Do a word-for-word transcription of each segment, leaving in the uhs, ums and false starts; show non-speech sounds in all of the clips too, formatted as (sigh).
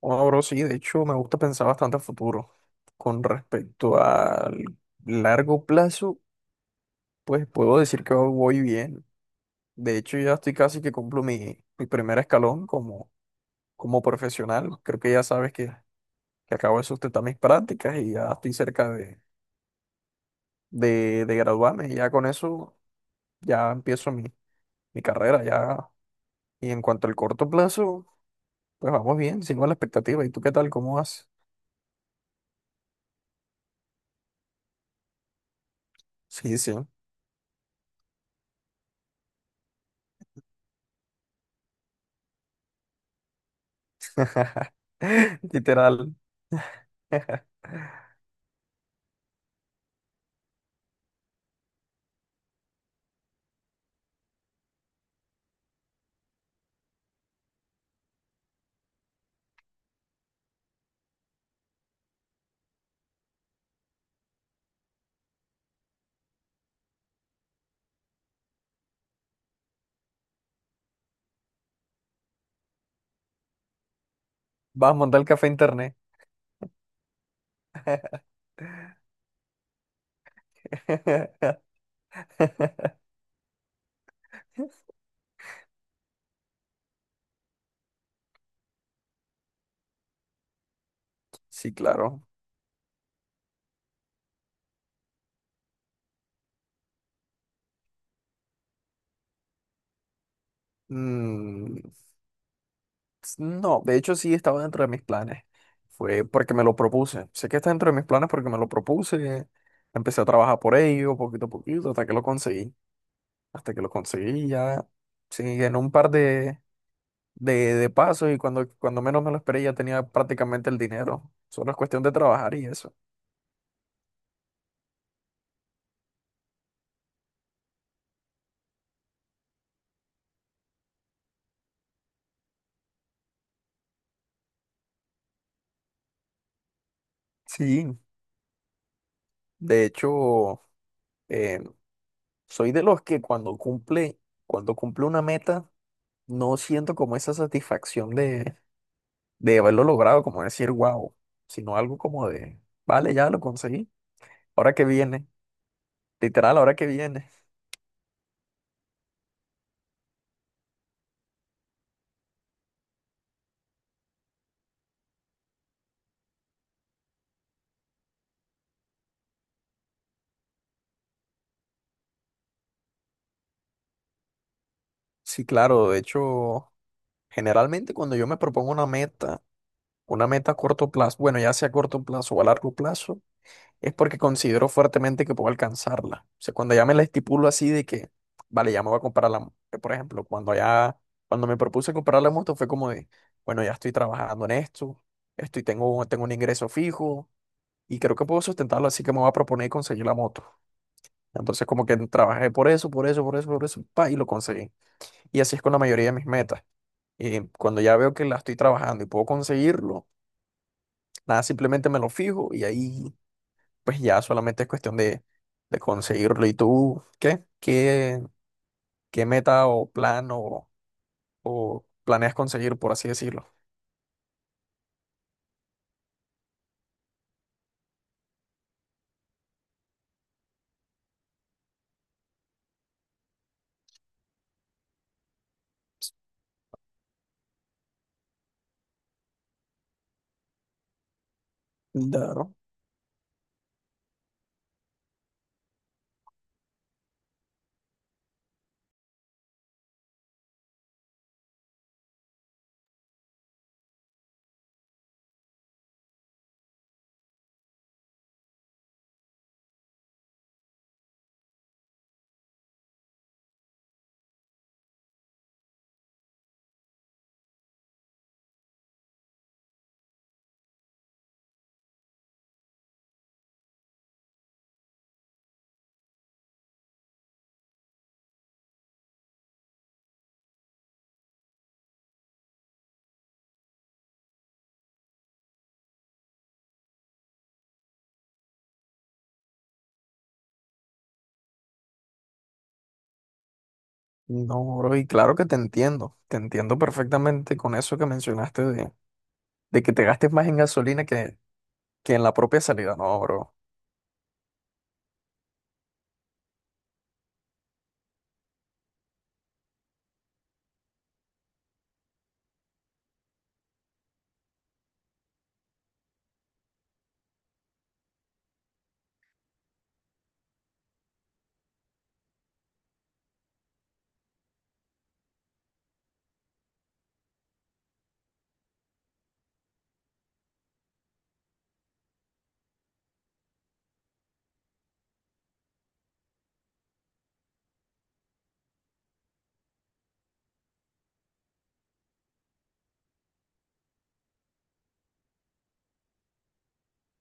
Bueno, bro, sí, de hecho me gusta pensar bastante a futuro. Con respecto al largo plazo, pues puedo decir que voy bien. De hecho, ya estoy casi que cumplo mi, mi primer escalón como, como profesional. Creo que ya sabes que, que acabo de sustentar mis prácticas y ya estoy cerca de, de, de graduarme. Y ya con eso ya empiezo mi, mi carrera. Ya. Y en cuanto al corto plazo, pues vamos bien, sigo a la expectativa. ¿Y tú qué tal? ¿Cómo vas? Sí, sí. (laughs) Literal. Vas a montar el café internet. (laughs) Sí, claro. Mm, s- no, de hecho sí estaba dentro de mis planes. Fue porque me lo propuse. Sé que está dentro de mis planes porque me lo propuse. Empecé a trabajar por ello, poquito a poquito, hasta que lo conseguí. Hasta que lo conseguí ya. Sí, en un par de, de, de pasos y cuando, cuando menos me lo esperé ya tenía prácticamente el dinero. Solo es cuestión de trabajar y eso. Sí, de hecho, eh, soy de los que cuando cumple, cuando cumple una meta, no siento como esa satisfacción de, de haberlo logrado, como decir, wow, sino algo como de, vale, ya lo conseguí, ahora que viene, literal, ahora que viene. Sí, claro, de hecho, generalmente cuando yo me propongo una meta, una meta a corto plazo, bueno, ya sea a corto plazo o a largo plazo, es porque considero fuertemente que puedo alcanzarla. O sea, cuando ya me la estipulo así de que, vale, ya me voy a comprar la, mo- eh, por ejemplo, cuando ya, cuando me propuse comprar la moto fue como de, bueno, ya estoy trabajando en esto, estoy, tengo, tengo un ingreso fijo y creo que puedo sustentarlo, así que me voy a proponer conseguir la moto. Entonces, como que trabajé por eso, por eso, por eso, por eso, pa, y lo conseguí. Y así es con la mayoría de mis metas. Eh, cuando ya veo que la estoy trabajando y puedo conseguirlo, nada, simplemente me lo fijo y ahí pues ya solamente es cuestión de, de conseguirlo. ¿Y tú qué? ¿Qué, qué meta o plan o, o planeas conseguir, por así decirlo? Claro. No, bro, y claro que te entiendo, te entiendo perfectamente con eso que mencionaste de, de que te gastes más en gasolina que, que en la propia salida, no, bro.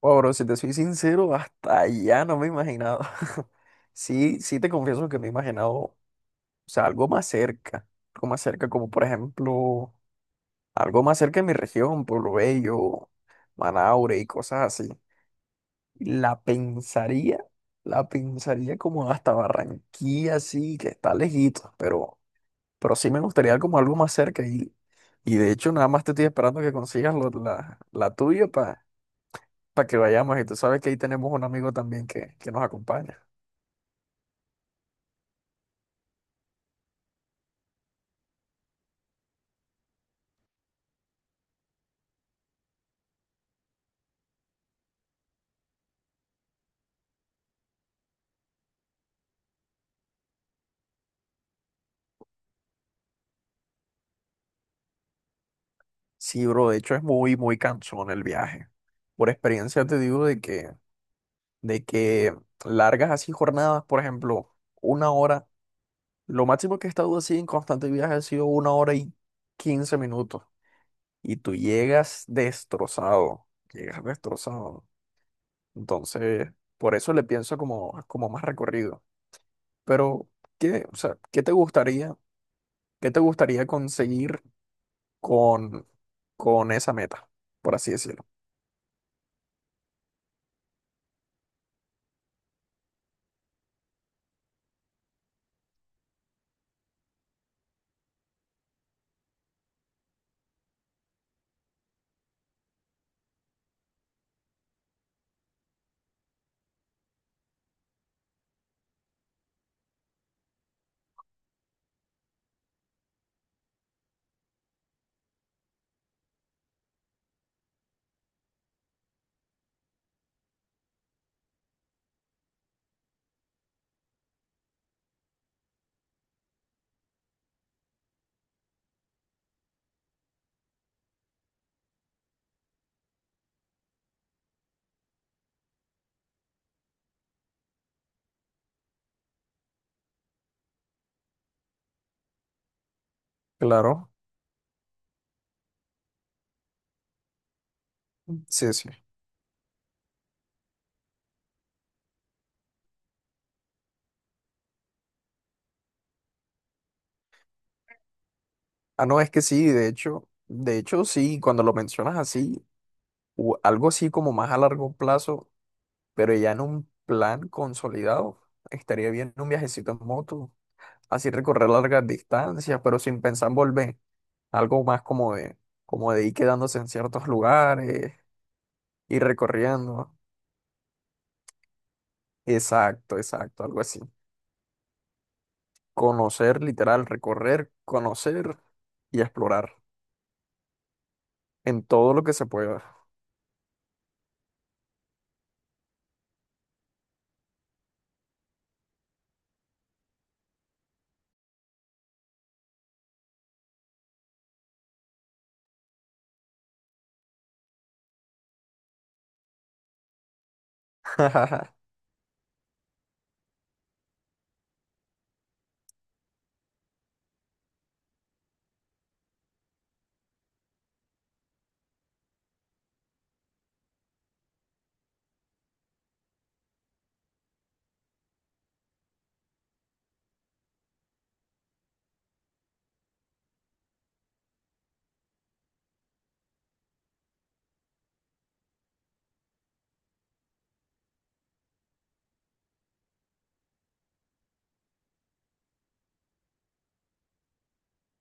Oh, bro, si te soy sincero, hasta allá no me he imaginado. (laughs) Sí, sí te confieso que me he imaginado, o sea, algo más cerca, algo más cerca, como por ejemplo algo más cerca de mi región, Pueblo Bello, Manaure y cosas así. La pensaría, la pensaría como hasta Barranquilla, sí, que está lejito, pero, pero sí me gustaría como algo más cerca. Y, y de hecho, nada más te estoy esperando que consigas lo- la, la tuya para que vayamos. Y tú sabes que ahí tenemos un amigo también que, que nos acompaña. Sí, bro, de hecho es muy, muy cansón el viaje. Por experiencia te digo de que, de que largas así jornadas, por ejemplo, una hora. Lo máximo que he estado así en constante viaje ha sido una hora y quince minutos. Y tú llegas destrozado. Llegas destrozado. Entonces, por eso le pienso como, como más recorrido. Pero, ¿qué, o sea, qué te gustaría, qué te gustaría conseguir con, con esa meta? Por así decirlo. Claro, sí, sí. Ah, no, es que sí, de hecho, de hecho, sí, cuando lo mencionas así, u- algo así como más a largo plazo, pero ya en un plan consolidado, estaría bien un viajecito en moto, así recorrer largas distancias, pero sin pensar en volver. Algo más como de, como de ir quedándose en ciertos lugares, ir recorriendo. Exacto, exacto, algo así. Conocer, literal, recorrer, conocer y explorar en todo lo que se pueda. (laughs)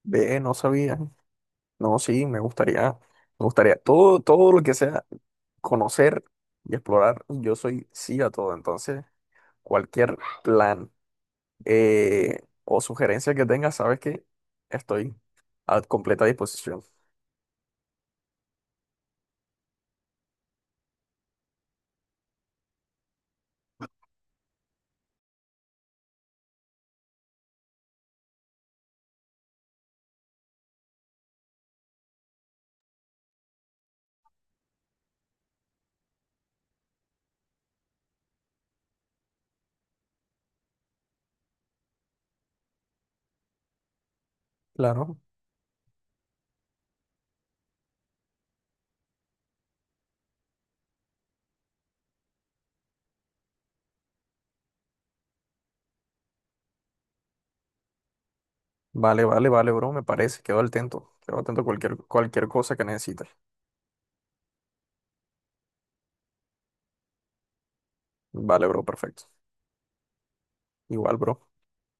Ve, no sabía. No, sí, me gustaría, me gustaría todo, todo lo que sea conocer y explorar. Yo soy sí a todo, entonces cualquier plan eh, o sugerencia que tengas, sabes que estoy a completa disposición. Claro. Vale, vale, vale, bro, me parece. Quedo al tanto. Quedo atento a cualquier, cualquier cosa que necesites. Vale, bro, perfecto. Igual, bro.